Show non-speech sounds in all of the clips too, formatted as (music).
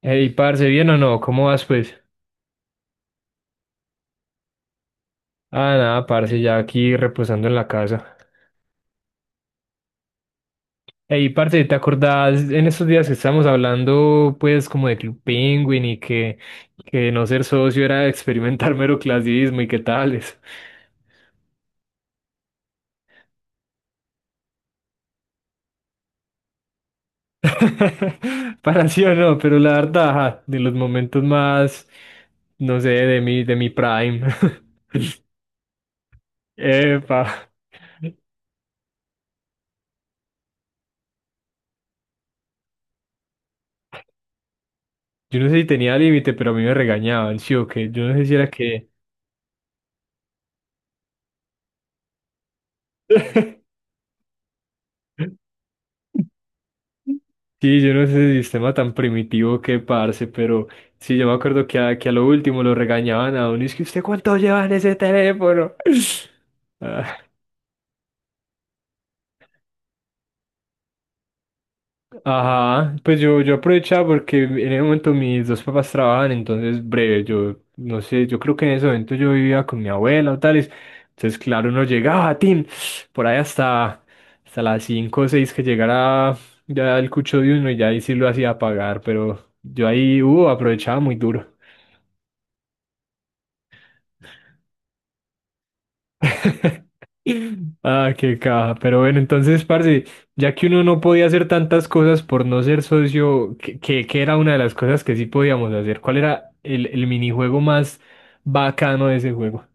Ey, parce, ¿bien o no? ¿Cómo vas, pues? Ah, nada, parce, ya aquí reposando en la casa. Ey, parce, ¿te acordás en estos días que estábamos hablando, pues, como de Club Penguin y que no ser socio era experimentar (laughs) mero clasismo y qué tales? (laughs) Para sí o no, pero la verdad, ajá, de los momentos más, no sé, de mi prime. (laughs) Epa. Yo no sé si tenía límite, pero a mí me regañaban, sí o qué. Yo no sé si era que... (laughs) Sí, yo no sé ese sistema tan primitivo que parce, pero sí, yo me acuerdo que a lo último lo regañaban a uno, y es que usted cuánto lleva en ese teléfono. (laughs) Ah, ajá, pues yo aprovechaba porque en ese momento mis dos papás trabajaban, entonces breve, yo no sé, yo creo que en ese momento yo vivía con mi abuela o tales, entonces claro, uno llegaba, tin, por ahí hasta, hasta las 5 o 6 que llegara ya el cucho de uno y ya ahí sí lo hacía pagar, pero yo ahí, aprovechaba muy duro. (laughs) Ah, qué caja. Pero bueno, entonces, parce, ya que uno no podía hacer tantas cosas por no ser socio, que era una de las cosas que sí podíamos hacer. ¿Cuál era el minijuego más bacano de ese juego?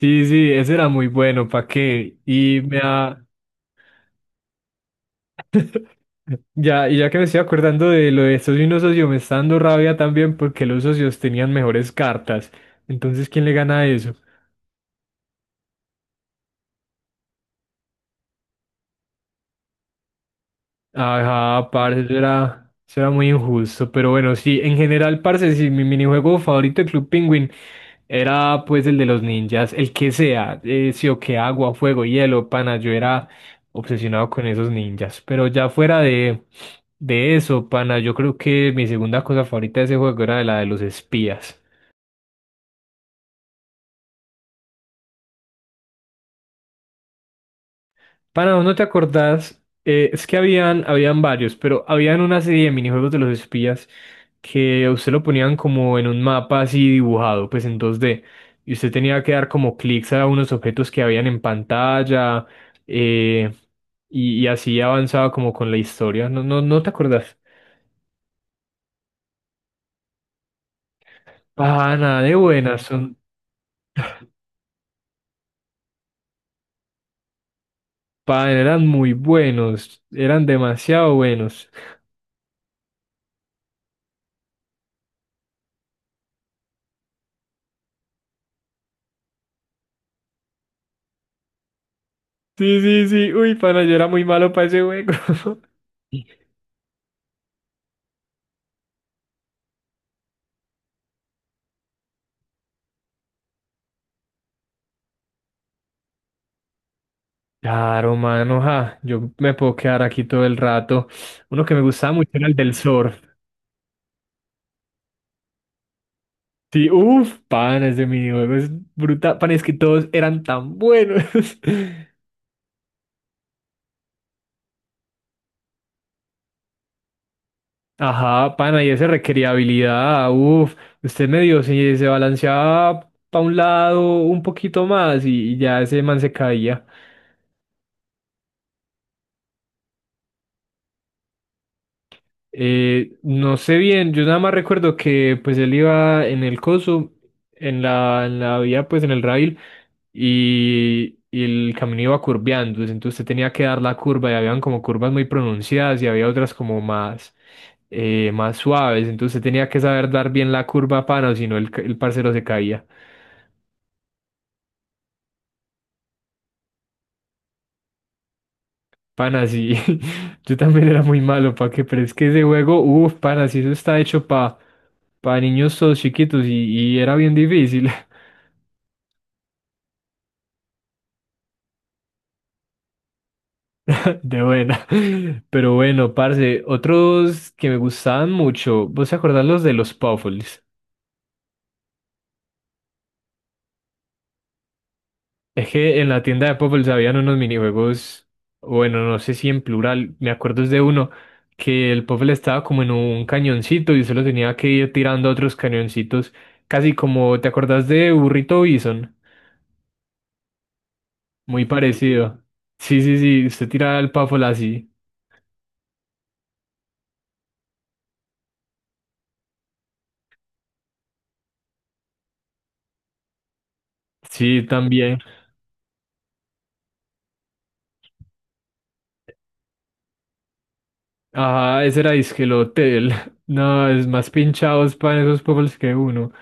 Sí, sí, ese era muy bueno, ¿pa qué? Y me da, ya, y ya que me estoy acordando de lo de socio y no socio, me está dando rabia también porque los socios tenían mejores cartas. Entonces, ¿quién le gana a eso? Ajá, parce, eso era muy injusto, pero bueno, sí, en general, parce, sí, mi minijuego favorito de Club Penguin era pues el de los ninjas, el que sea, sí o que agua, fuego, hielo, pana, yo era obsesionado con esos ninjas, pero ya de eso, pana, yo creo que mi segunda cosa favorita de ese juego era la de los espías. Para ¿no te acordás? Es que habían varios, pero habían una serie de minijuegos de los espías que a usted lo ponían como en un mapa así dibujado, pues en dos d, y usted tenía que dar como clics a unos objetos que habían en pantalla, eh, y así avanzaba como con la historia. No, no, ¿no te acordás? Pana de buenas, son, pana, eran muy buenos, eran demasiado buenos. (laughs) Sí, sí, sí, uy, pana, yo era muy malo para ese juego. (laughs) Claro, mano, ja, yo me puedo quedar aquí todo el rato. Uno que me gustaba mucho era el del surf. Sí, uff, pan, ese minijuego es brutal. Pan, es que todos eran tan buenos. (laughs) Ajá, pana, y ese requería habilidad. Uf, usted medio se balanceaba para un lado un poquito más y ya ese man se caía. No sé bien, yo nada más recuerdo que pues él iba en el coso, en la vía, pues en el rail. Y el camino iba curveando, entonces usted tenía que dar la curva y habían como curvas muy pronunciadas y había otras como más, más suaves, entonces usted tenía que saber dar bien la curva, pana, o si no el, el parcero se caía. Pana, sí, (laughs) yo también era muy malo, pa' que, pero es que ese juego, uff, pana, sí, eso está hecho pa' para niños todos chiquitos y era bien difícil. (laughs) De buena. Pero bueno, parce, otros que me gustaban mucho, ¿vos te acordás los de los Puffles? Es que en la tienda de Popple habían unos minijuegos, bueno, no sé si en plural, me acuerdo es de uno, que el Popple estaba como en un cañoncito y solo tenía que ir tirando otros cañoncitos, casi como, ¿te acordás de Burrito Bison? Muy parecido. Sí, sí, sí, usted tiraba el Puffle así. Sí, también. Ajá, ese era disque el hotel. (laughs) No, es más pinchados para esos Puffles que uno.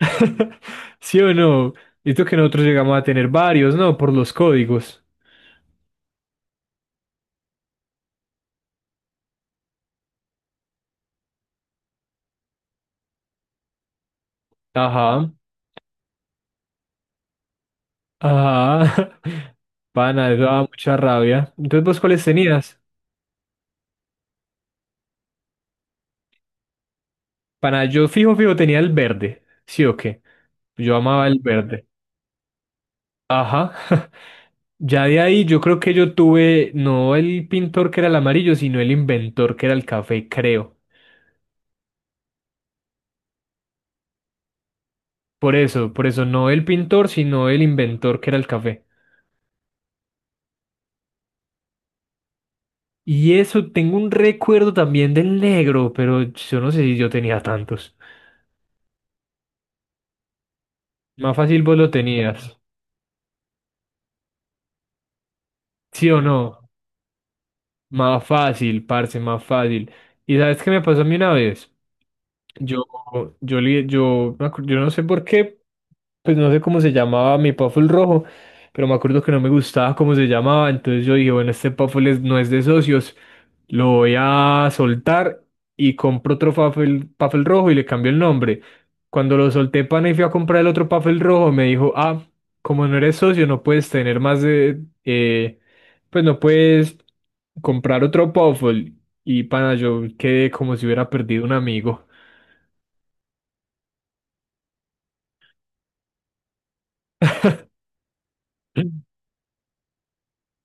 (laughs) ¿Sí o no? Esto que nosotros llegamos a tener varios, ¿no? Por los códigos. Ajá. Ah, (laughs) pana, eso daba mucha rabia. Entonces, ¿vos cuáles tenías? Pana, yo tenía el verde. ¿Sí o qué? Yo amaba el verde. Ajá. (laughs) Ya de ahí yo creo que yo tuve no el pintor que era el amarillo, sino el inventor que era el café, creo. Por eso no el pintor, sino el inventor que era el café. Y eso, tengo un recuerdo también del negro, pero yo no sé si yo tenía tantos. Más fácil vos lo tenías, ¿sí o no? Más fácil, parce, más fácil. ¿Y sabes qué me pasó a mí una vez? Yo, yo, li- yo, me acu- yo no sé por qué, pues no sé cómo se llamaba mi Puffle rojo, pero me acuerdo que no me gustaba cómo se llamaba, entonces yo dije, bueno, este Puffle no es de socios, lo voy a soltar y compro otro Puffle, Puffle rojo y le cambio el nombre. Cuando lo solté, pana, y fui a comprar el otro Puffle rojo, me dijo, ah, como no eres socio, no puedes tener más de, pues no puedes comprar otro Puffle. Y pana, yo quedé como si hubiera perdido un amigo.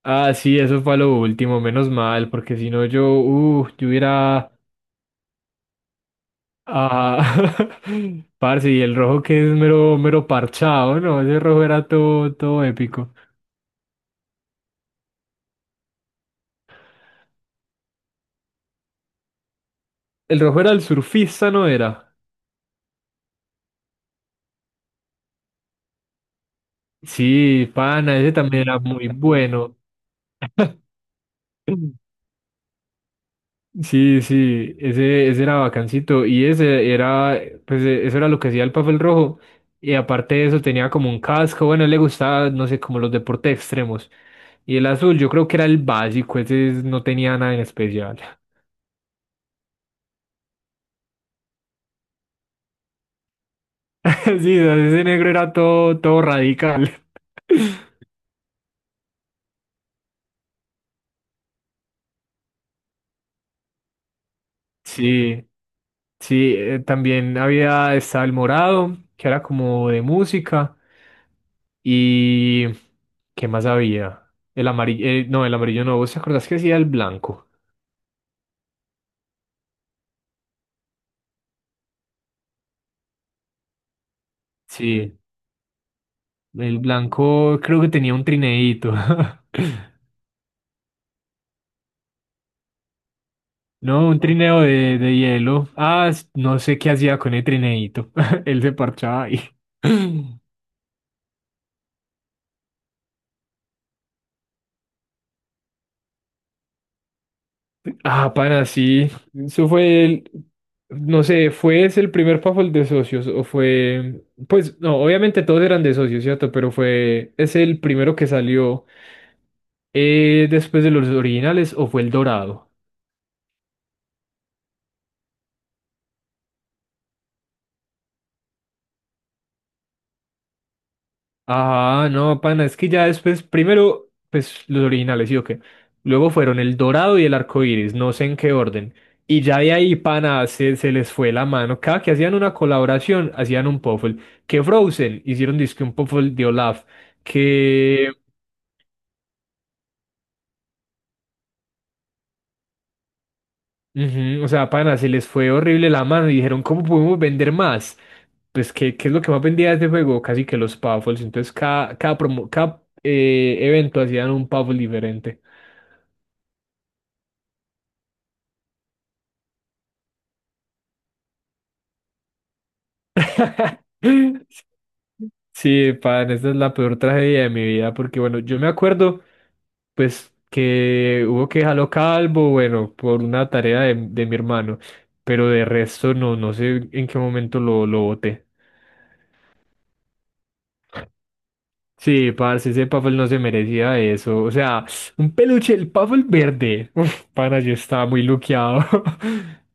Ah, sí, eso fue a lo último, menos mal, porque si no yo, yo hubiera, ah, (laughs) parce, y el rojo que es mero parchado, ¿no? Ese rojo era todo, todo épico. El rojo era el surfista, ¿no era? Sí, pana, ese también era muy bueno. (laughs) Sí, sí, ese era bacancito y ese era, pues eso era lo que hacía el papel rojo y aparte de eso tenía como un casco, bueno, a él le gustaba, no sé, como los deportes extremos y el azul yo creo que era el básico, no tenía nada en especial. (laughs) Sí, o sea, ese negro era todo, todo radical. (laughs) Sí. Sí, también había estaba el morado, que era como de música. ¿Y qué más había? El amarillo, no, el amarillo no. ¿Vos te acordás que hacía el blanco? Sí, el blanco creo que tenía un trineíto. (laughs) No, un trineo de hielo. Ah, no sé qué hacía con el trineíto. (laughs) Él se parchaba ahí. (laughs) Ah, pana, sí. Eso fue el, no sé, ¿fue ese el primer Puffle de socios? O fue, pues no, obviamente todos eran de socios, ¿cierto? Pero fue es el primero que salió después de los originales, o fue el dorado. Ah, no, pana, es que ya después, primero, pues los originales, ¿sí o qué? Luego fueron El Dorado y El Arco Iris, no sé en qué orden. Y ya de ahí, pana, se les fue la mano. Cada que hacían una colaboración, hacían un Puffle. Que Frozen hicieron disque un Puffle de Olaf. Que, ujú, o sea, pana, se les fue horrible la mano y dijeron, ¿cómo podemos vender más? Pues, ¿qué es lo que más vendía de este juego? Casi que los Puffles. Entonces, cada evento hacían un Puffle diferente. (laughs) Sí, pan, esa es la peor tragedia de mi vida, porque bueno, yo me acuerdo, pues, que hubo que dejarlo calvo, bueno, por una tarea de mi hermano, pero de resto no, no sé en qué momento lo boté. Sí, parce, ese Puffle no se merecía eso. O sea, un peluche, el Puffle verde. Uf, pana, yo estaba muy luqueado. (laughs)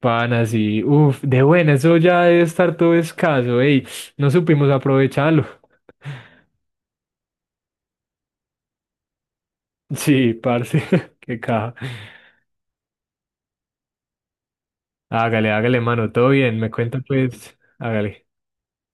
Pan así, uff, de buena, eso ya debe estar todo escaso, ey, no supimos aprovecharlo. Sí, parce, (laughs) qué caja. Hágale, hágale, mano, todo bien, me cuenta pues, hágale.